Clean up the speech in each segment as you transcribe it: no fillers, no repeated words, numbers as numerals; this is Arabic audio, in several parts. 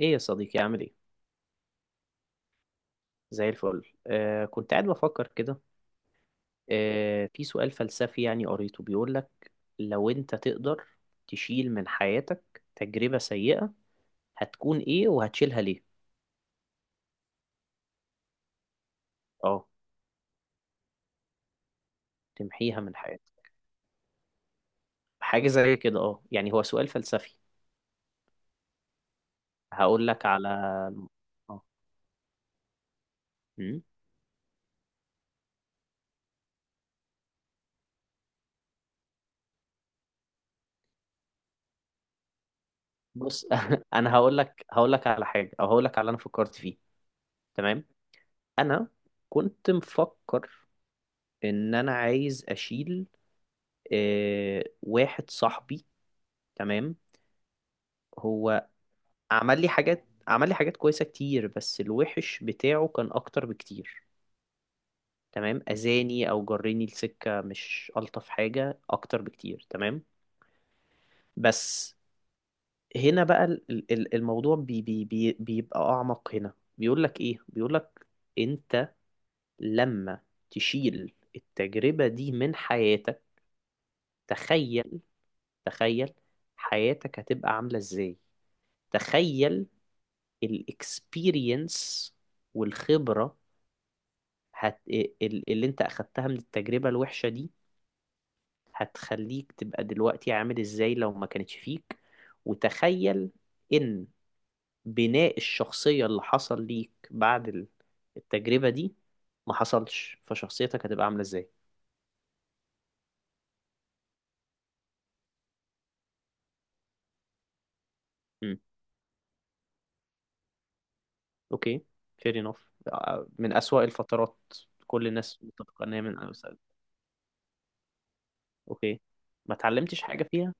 ايه يا صديقي، عامل ايه؟ زي الفل. كنت قاعد بفكر كده. في سؤال فلسفي يعني قريته بيقول لك: لو انت تقدر تشيل من حياتك تجربة سيئة، هتكون ايه وهتشيلها ليه؟ اه، تمحيها من حياتك، حاجة زي كده. اه يعني هو سؤال فلسفي. هقول لك على، اه، أمم. بص، انا هقول لك على حاجة، او هقول لك على اللي انا فكرت فيه. تمام، انا كنت مفكر ان انا عايز اشيل، واحد صاحبي. تمام، هو عمل لي حاجات، كويسة كتير، بس الوحش بتاعه كان أكتر بكتير. تمام، أذاني أو جرني لسكة مش ألطف حاجة أكتر بكتير. تمام، بس هنا بقى الموضوع بي بي بي بيبقى أعمق. هنا بيقول لك إيه؟ بيقول لك: أنت لما تشيل التجربة دي من حياتك، تخيل، تخيل حياتك هتبقى عاملة إزاي. تخيل الاكسبيرينس والخبرة هت... اللي انت اخدتها من التجربة الوحشة دي هتخليك تبقى دلوقتي عامل ازاي لو ما كانتش فيك. وتخيل ان بناء الشخصية اللي حصل ليك بعد التجربة دي ما حصلش، فشخصيتك هتبقى عاملة ازاي. امم، اوكي، fair enough. من أسوأ الفترات، كل الناس متفقة ان هي من أسوأ. اوكي، ما اتعلمتش حاجة فيها؟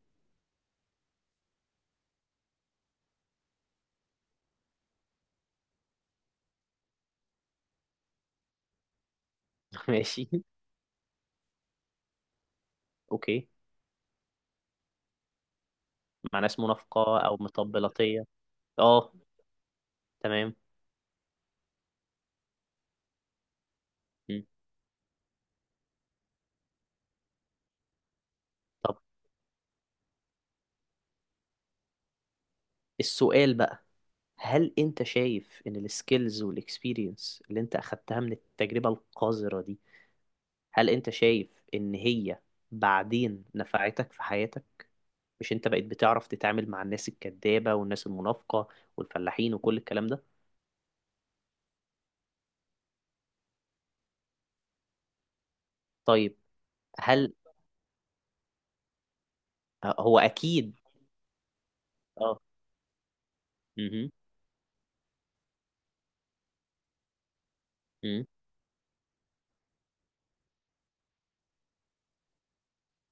ماشي. اوكي، مع ناس منافقة أو مطبلاتية. اه، تمام. مم. طب السؤال بقى: هل أنت شايف إن السكيلز والإكسبيرينس اللي أنت أخدتها من التجربة القذرة دي، هل أنت شايف إن هي بعدين نفعتك في حياتك؟ مش أنت بقيت بتعرف تتعامل مع الناس الكذابة والناس المنافقة والفلاحين وكل الكلام ده؟ طيب، هل هو أكيد؟ اه. مهم. مم.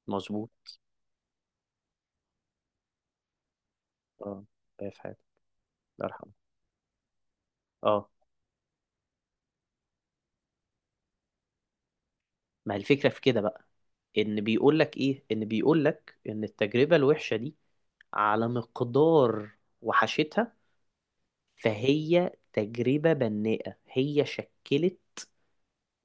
مظبوط. اه، في حياتك. الله يرحمه. اه. ما هي الفكرة في كده بقى، ان بيقول لك ايه؟ ان بيقول لك ان التجربة الوحشة دي، على مقدار وحشتها، فهي تجربة بناءة. هي شكلت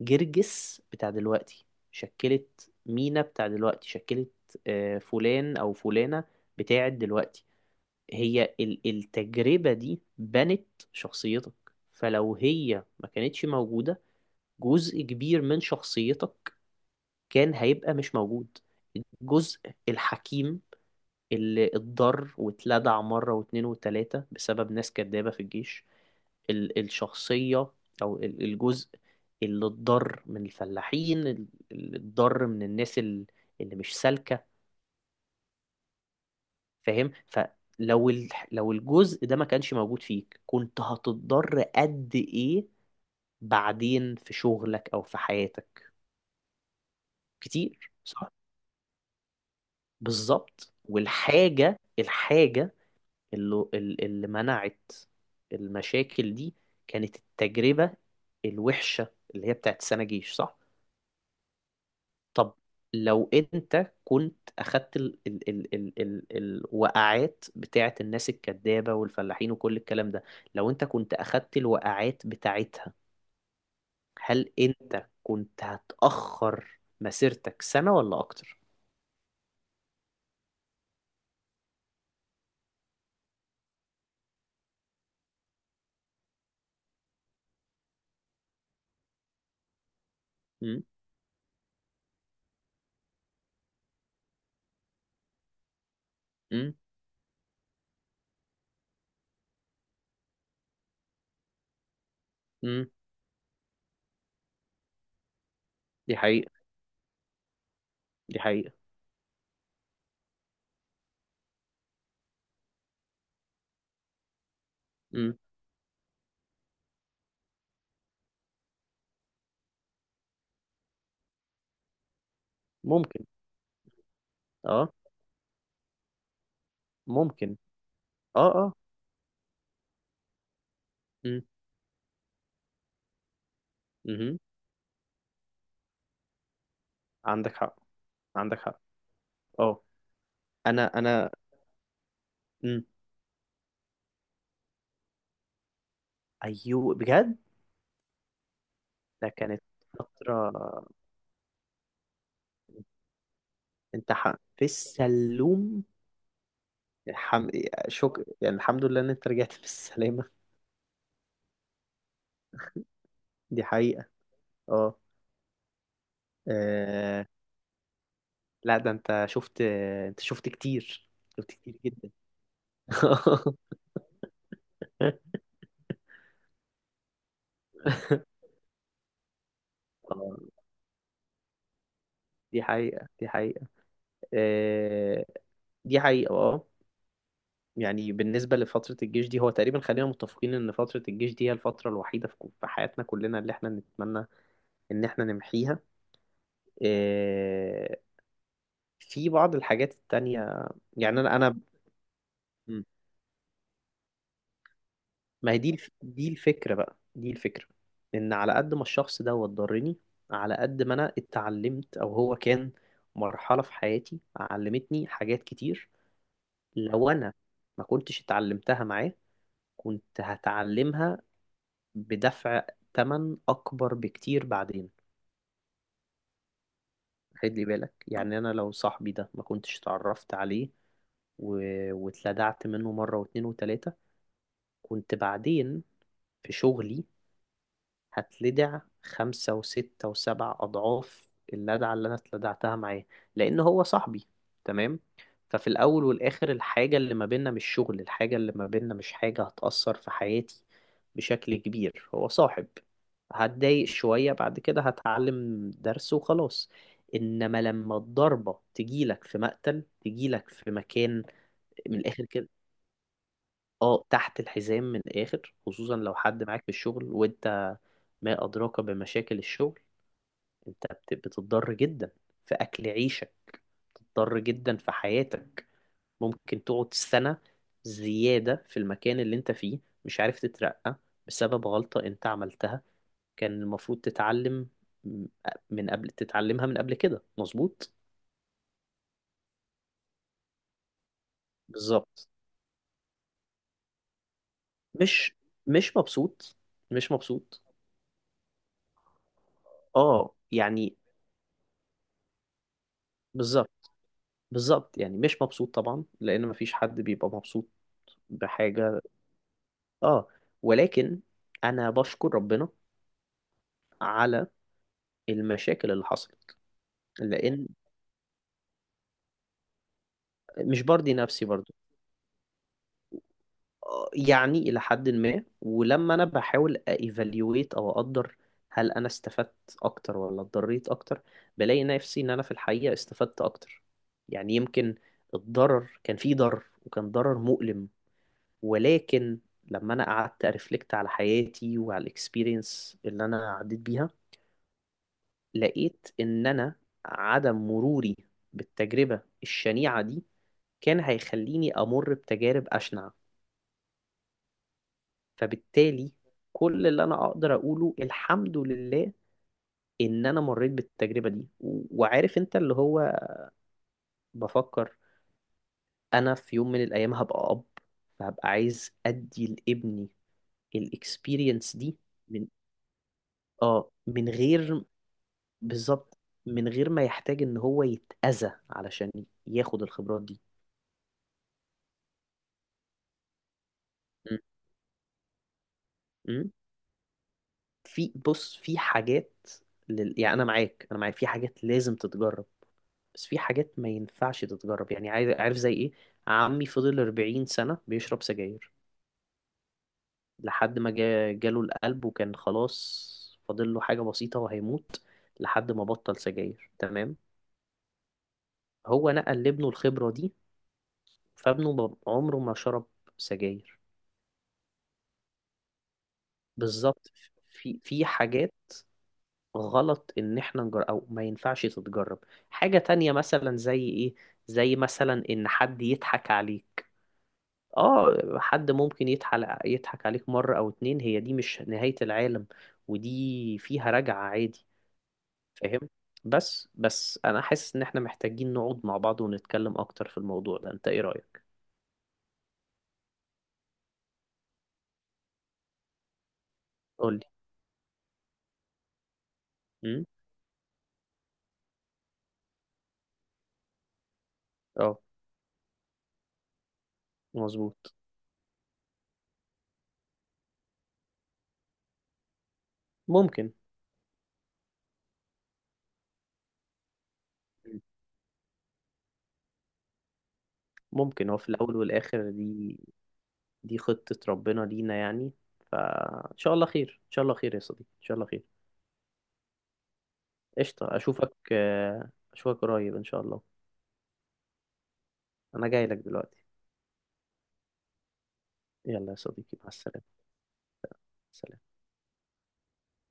جرجس بتاع دلوقتي، شكلت مينا بتاع دلوقتي، شكلت، فلان او فلانة بتاعت دلوقتي. هي التجربة دي بنت شخصيتك. فلو هي ما كانتش موجودة، جزء كبير من شخصيتك كان هيبقى مش موجود. الجزء الحكيم اللي اتضر واتلدع مرة واتنين وتلاتة بسبب ناس كدابة في الجيش، الشخصية أو الجزء اللي اتضر من الفلاحين، اللي اتضر من الناس اللي مش سالكة. فاهم؟ فلو لو الجزء ده ما كانش موجود فيك، كنت هتتضر قد إيه بعدين في شغلك أو في حياتك؟ كتير، صح؟ بالظبط. والحاجة، اللي منعت المشاكل دي كانت التجربة الوحشة، اللي هي بتاعت سنة جيش، صح؟ طب لو انت كنت اخدت ال ال ال ال ال الوقعات بتاعت الناس الكدابة والفلاحين وكل الكلام ده، لو انت كنت اخدت الوقعات بتاعتها، هل انت كنت هتأخر مسيرتك سنة ولا اكتر؟ امم. امم امم دي حقيقة، دي حقيقة. امم، ممكن. اه، ممكن. اه. امم. عندك حق، عندك حق اه. انا، مم. ايوه بجد. ده كانت فترة. انت ح...، في السلوم. الحم...، شك...، يعني الحمد لله ان انت رجعت بالسلامة. دي حقيقة، اه. آه، لا ده انت شفت، شفت كتير، شفت كتير جدا. اه، دي حقيقة، آه، دي حقيقة، اه. يعني بالنسبة لفترة الجيش دي، هو تقريبا خلينا متفقين إن فترة الجيش دي هي الفترة الوحيدة في في حياتنا كلنا اللي إحنا نتمنى إن إحنا نمحيها. إيه، في بعض الحاجات التانية، يعني أنا، م. ما هي دي دي الفكرة بقى، دي الفكرة إن على قد ما الشخص ده ضرني، على قد ما أنا اتعلمت، أو هو كان مرحلة في حياتي علمتني حاجات كتير. لو أنا ما كنتش اتعلمتها معاه، كنت هتعلمها بدفع تمن أكبر بكتير بعدين. خد لي بالك، يعني أنا لو صاحبي ده ما كنتش اتعرفت عليه و...، واتلدعت منه مرة واتنين وتلاتة، كنت بعدين في شغلي هتلدع خمسة وستة وسبع أضعاف اللدعة اللي أنا اتلدعتها معاه، لأن هو صاحبي. تمام، ففي الأول والآخر الحاجة اللي ما بيننا مش شغل، الحاجة اللي ما بيننا مش حاجة هتأثر في حياتي بشكل كبير، هو صاحب. هتضايق شوية، بعد كده هتعلم درس وخلاص. إنما لما الضربة تجيلك في مقتل، تجيلك في مكان من الآخر كده، اه، تحت الحزام من الآخر، خصوصا لو حد معاك في الشغل، وانت ما أدراك بمشاكل الشغل. أنت بتضطر جدا في أكل عيشك، بتضطر جدا في حياتك. ممكن تقعد سنة زيادة في المكان اللي أنت فيه مش عارف تترقى بسبب غلطة أنت عملتها، كان المفروض تتعلم، م- من قبل تتعلمها من قبل كده. مظبوط، بالظبط. مش مش مبسوط، مش مبسوط اه يعني، بالظبط. يعني مش مبسوط طبعا، لأن مفيش حد بيبقى مبسوط بحاجة. اه، ولكن انا بشكر ربنا على المشاكل اللي حصلت، لان، مش برضي نفسي برضو، يعني الى حد ما. ولما انا بحاول ايفاليويت، او اقدر، هل انا استفدت اكتر ولا اتضريت اكتر، بلاقي نفسي ان انا في الحقيقة استفدت اكتر. يعني يمكن الضرر كان فيه ضرر وكان ضرر مؤلم، ولكن لما انا قعدت ارفلكت على حياتي وعلى الاكسبيرينس اللي انا عديت بيها، لقيت ان انا عدم مروري بالتجربة الشنيعة دي كان هيخليني امر بتجارب اشنع. فبالتالي كل اللي انا اقدر اقوله الحمد لله ان انا مريت بالتجربة دي. و- وعارف انت اللي هو بفكر، انا في يوم من الايام هبقى اب، فهبقى عايز ادي لابني الاكسبيرينس دي من، اه، من غير، بالظبط، من غير ما يحتاج ان هو يتأذى علشان ياخد الخبرات دي. م- م. في، بص، في حاجات يعني انا معاك، في حاجات لازم تتجرب، بس في حاجات ما ينفعش تتجرب. يعني عارف زي ايه؟ عمي فضل 40 سنة بيشرب سجاير لحد ما جاله القلب وكان خلاص فاضل له حاجة بسيطة وهيموت، لحد ما بطل سجاير. تمام، هو نقل لابنه الخبرة دي، فابنه عمره ما شرب سجاير. بالظبط، في في حاجات غلط ان احنا نجرب، او ما ينفعش تتجرب. حاجة تانية مثلا زي ايه؟ زي مثلا ان حد يضحك عليك. اه، حد ممكن يضحك، عليك مرة او اتنين، هي دي مش نهاية العالم ودي فيها رجعة عادي. فاهم؟ بس انا حاسس ان احنا محتاجين نقعد مع بعض ونتكلم اكتر في الموضوع ده. انت ايه رأيك؟ قولي. امم، اه، مظبوط. ممكن، هو في الاول والاخر دي خطة ربنا لينا يعني. فإن شاء الله خير، يا صديقي، إن شاء الله خير. قشطة، أشوفك، أشوفك قريب إن شاء الله. أنا جاي لك دلوقتي. يلا يا صديقي، مع السلامة. سلام.